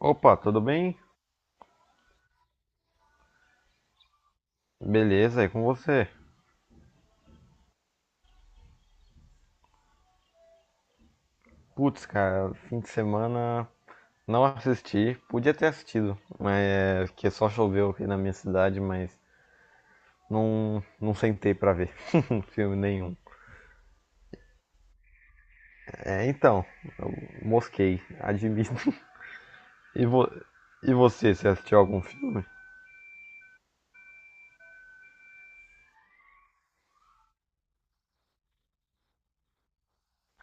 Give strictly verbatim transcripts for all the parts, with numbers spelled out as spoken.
Opa, tudo bem? Beleza, e com você? Putz, cara, fim de semana não assisti, podia ter assistido, mas é que só choveu aqui na minha cidade, mas não, não sentei pra ver filme nenhum. É, então, eu mosquei, admito. E, vo- e você, você assistiu algum filme?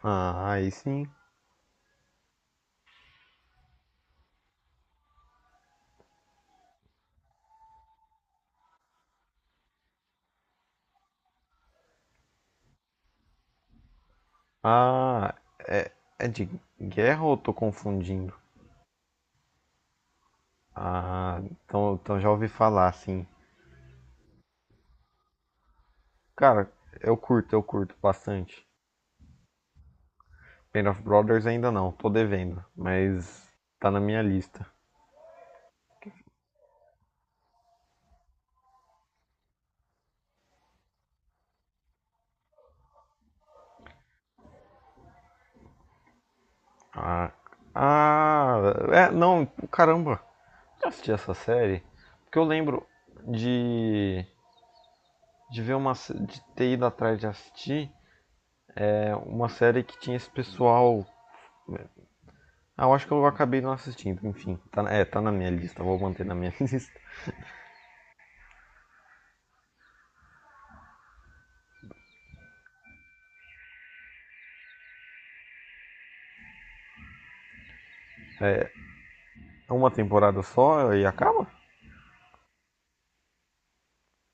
Ah, aí sim. Ah, é, é de guerra ou eu tô confundindo? Ah, então, então já ouvi falar, sim. Cara, eu curto, eu curto bastante. Band of Brothers ainda não, tô devendo, mas tá na minha lista. Ah, ah é, não, caramba, eu assisti essa série porque eu lembro de de ver uma de ter ido atrás de assistir é uma série que tinha esse pessoal, ah, eu acho que eu acabei não assistindo, enfim, tá, é, tá na minha lista, vou manter na minha lista. É uma temporada só e acaba.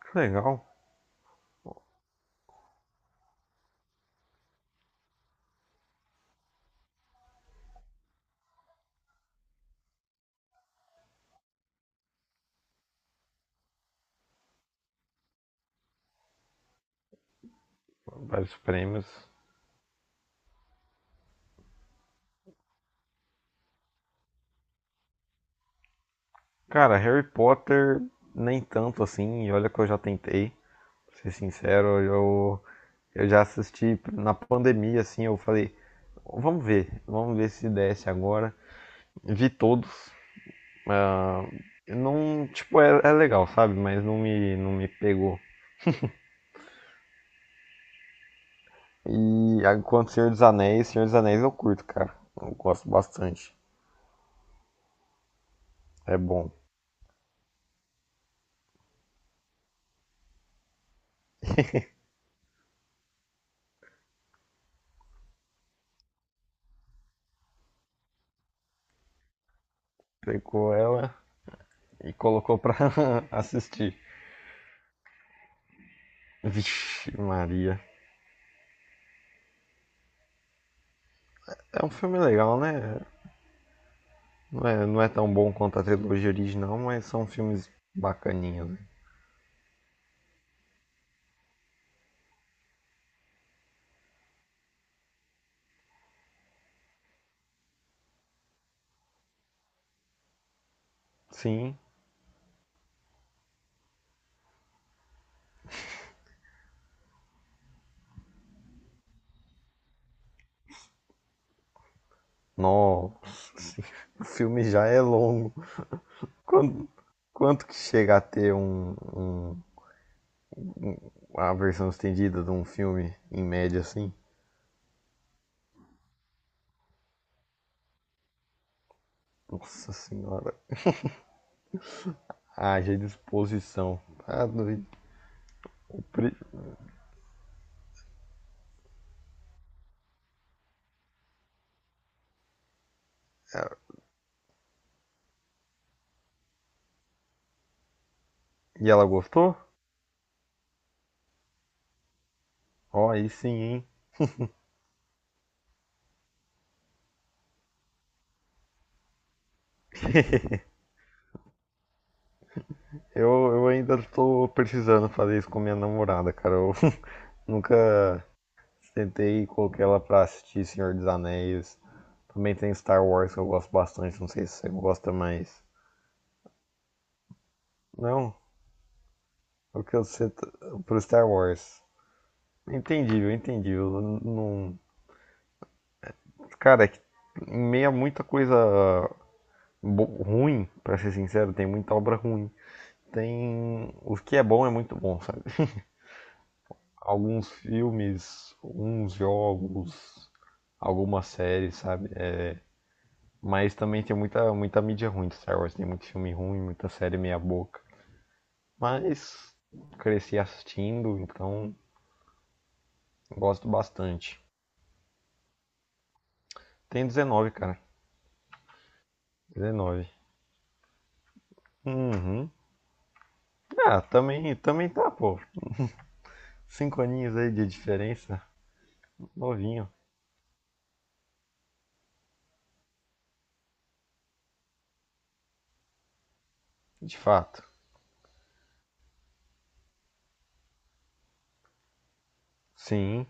Que legal. Vários prêmios. Cara, Harry Potter nem tanto assim, e olha que eu já tentei. Pra ser sincero, eu, eu já assisti na pandemia, assim, eu falei, vamos ver, vamos ver se desce agora. Vi todos. Ah, não, tipo, é, é legal, sabe? Mas não me, não me pegou. E a- quanto Senhor dos Anéis, Senhor dos Anéis eu curto, cara. Eu gosto bastante. É bom. Pegou ela e colocou pra assistir. Vixe, Maria. É um filme legal, né? Não é, não é tão bom quanto a trilogia original, mas são filmes bacaninhos, né? Sim, nossa, sim. O filme já é longo. Quando- Quanto que chega a ter um, um- a versão estendida de um filme, em média, assim? Nossa senhora, haja disposição. Ah, doido. E ela gostou? Ó, oh, aí sim, hein? Eu, eu ainda tô precisando fazer isso com minha namorada, cara. Eu nunca tentei colocar ela pra assistir Senhor dos Anéis. Também tem Star Wars que eu gosto bastante, não sei se você gosta mais. Não, é o que você. t- Pro Star Wars. Entendível, entendível. Não. Cara, é que em meio a muita coisa bo- ruim, pra ser sincero, tem muita obra ruim. Tem. O que é bom é muito bom, sabe? Alguns filmes, uns jogos, algumas séries, sabe? É, mas também tem muita, muita mídia ruim de Star Wars. Tem muito filme ruim, muita série meia-boca. Mas cresci assistindo, então gosto bastante. Tem dezenove, cara. dezenove. Uhum. Ah, também, também tá, pô. Cinco aninhos aí de diferença. Novinho, de fato. Sim.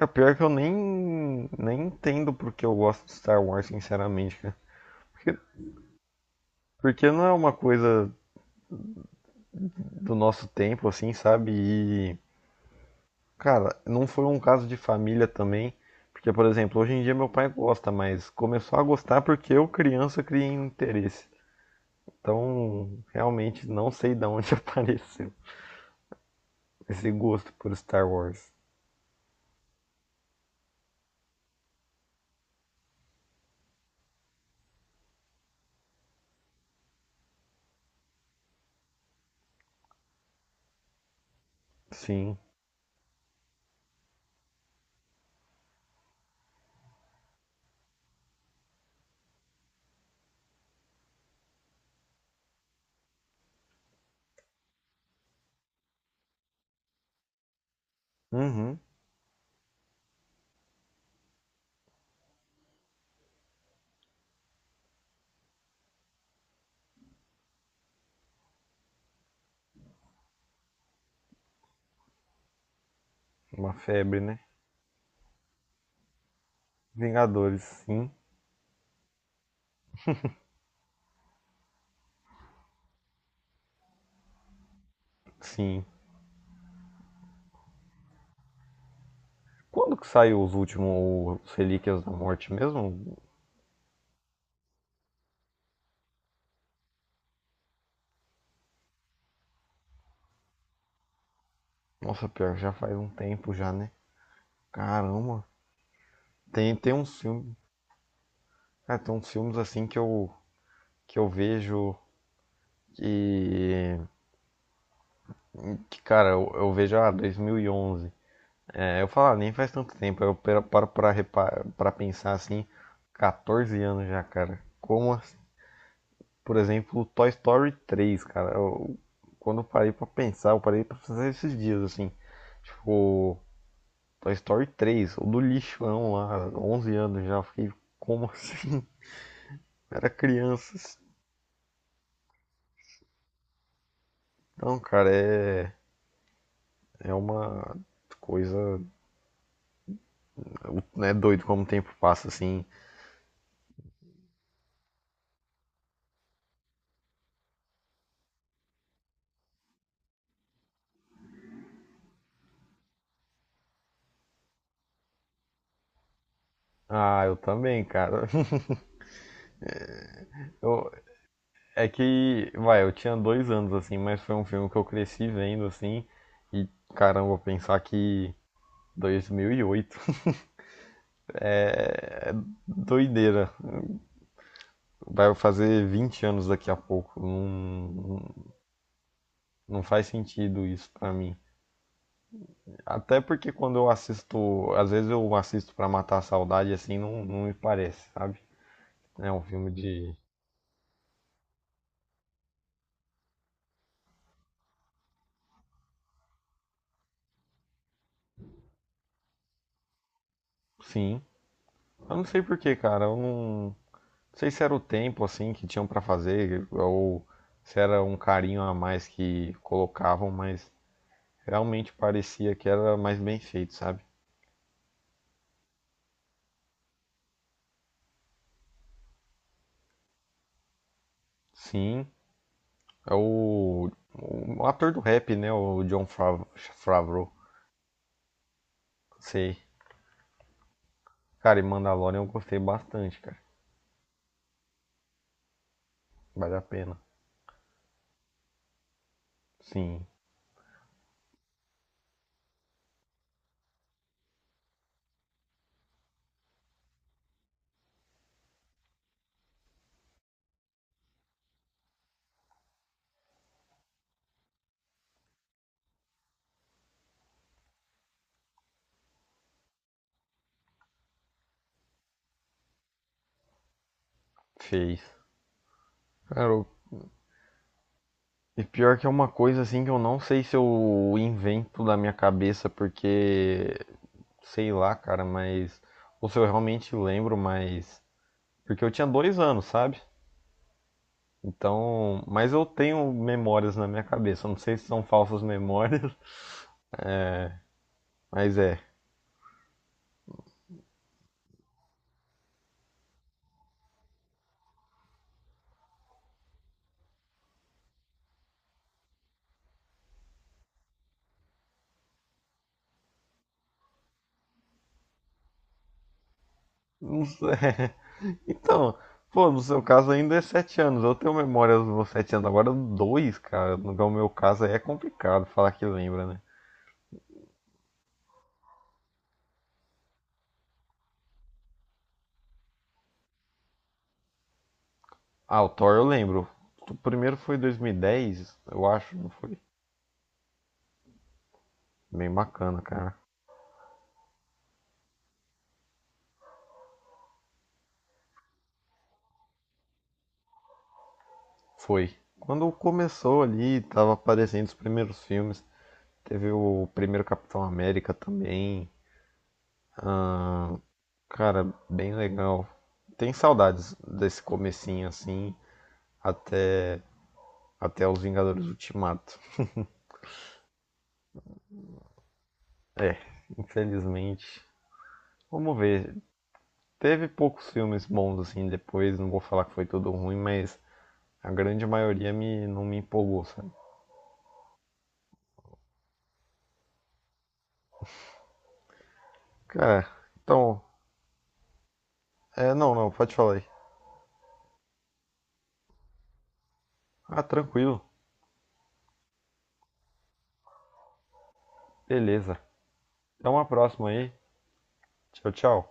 É, pior é que eu nem, nem entendo porque eu gosto de Star Wars, sinceramente, cara. Porque, porque não é uma coisa do nosso tempo, assim, sabe? E cara, não foi um caso de família também, porque, por exemplo, hoje em dia meu pai gosta, mas começou a gostar porque eu, criança, criei um interesse. Então, realmente não sei de onde apareceu esse gosto por Star Wars. Sim. Uhum. Uma febre, né? Vingadores, sim. Sim. Quando que saiu os últimos, os Relíquias da Morte mesmo? Nossa, pior, já faz um tempo já, né? Caramba. Tem, tem uns filmes. Ah, tem uns filmes assim que eu, que eu vejo que, que, cara, eu, eu vejo, ah, dois mil e onze. É, eu falo, ah, nem faz tanto tempo. Eu paro paro pra, repa- pra pensar assim, quatorze anos já, cara. Como, assim, por exemplo, Toy Story três, cara. Eu, quando eu parei pra pensar, eu parei pra pensar esses dias, assim. Tipo, Toy Story três, o do lixão lá, onze anos já. Eu fiquei, como assim? Era criança, assim. Então, cara, é, é uma coisa, né, doido como o tempo passa, assim. Ah, eu também, cara. Eu- é que, vai, eu tinha dois anos, assim, mas foi um filme que eu cresci vendo, assim, e caramba, pensar que dois mil e oito, doideira, vai fazer vinte anos daqui a pouco, não, não faz sentido isso pra mim. Até porque quando eu assisto, às vezes eu assisto pra matar a saudade, assim, não, não me parece, sabe? É um filme de. Sim, eu não sei por quê, cara, eu não. Não sei se era o tempo assim que tinham pra fazer ou se era um carinho a mais que colocavam, mas realmente parecia que era mais bem feito, sabe? Sim, é o, o ator do rap, né? O John Frav- Favreau. Sei. Cara, e Mandalorian eu gostei bastante, cara. Vale a pena. Sim, fez. Cara, o- e pior que é uma coisa assim que eu não sei se eu invento da minha cabeça, porque sei lá, cara, mas. Ou se eu realmente lembro, mas porque eu tinha dois anos, sabe? Então, mas eu tenho memórias na minha cabeça. Eu Não sei se são falsas memórias, mas é. Não sei. Então, pô, no seu caso ainda é sete anos. Eu tenho memórias dos sete anos. Agora dois, cara. No meu caso aí é complicado falar que lembra, né? Ah, o Thor eu lembro. O primeiro foi dois mil e dez, eu acho, não foi? Bem bacana, cara. Foi. Quando começou ali, tava aparecendo os primeiros filmes. Teve o primeiro Capitão América também. Cara, bem legal. Tem saudades desse comecinho assim, até até os Vingadores Ultimato. É, infelizmente. Vamos ver. Teve poucos filmes bons assim depois, não vou falar que foi tudo ruim, mas a grande maioria me não me empolgou, sabe? Cara, então, é, não, não, pode falar aí. Ah, tranquilo. Beleza. Até uma próxima aí. Tchau, tchau.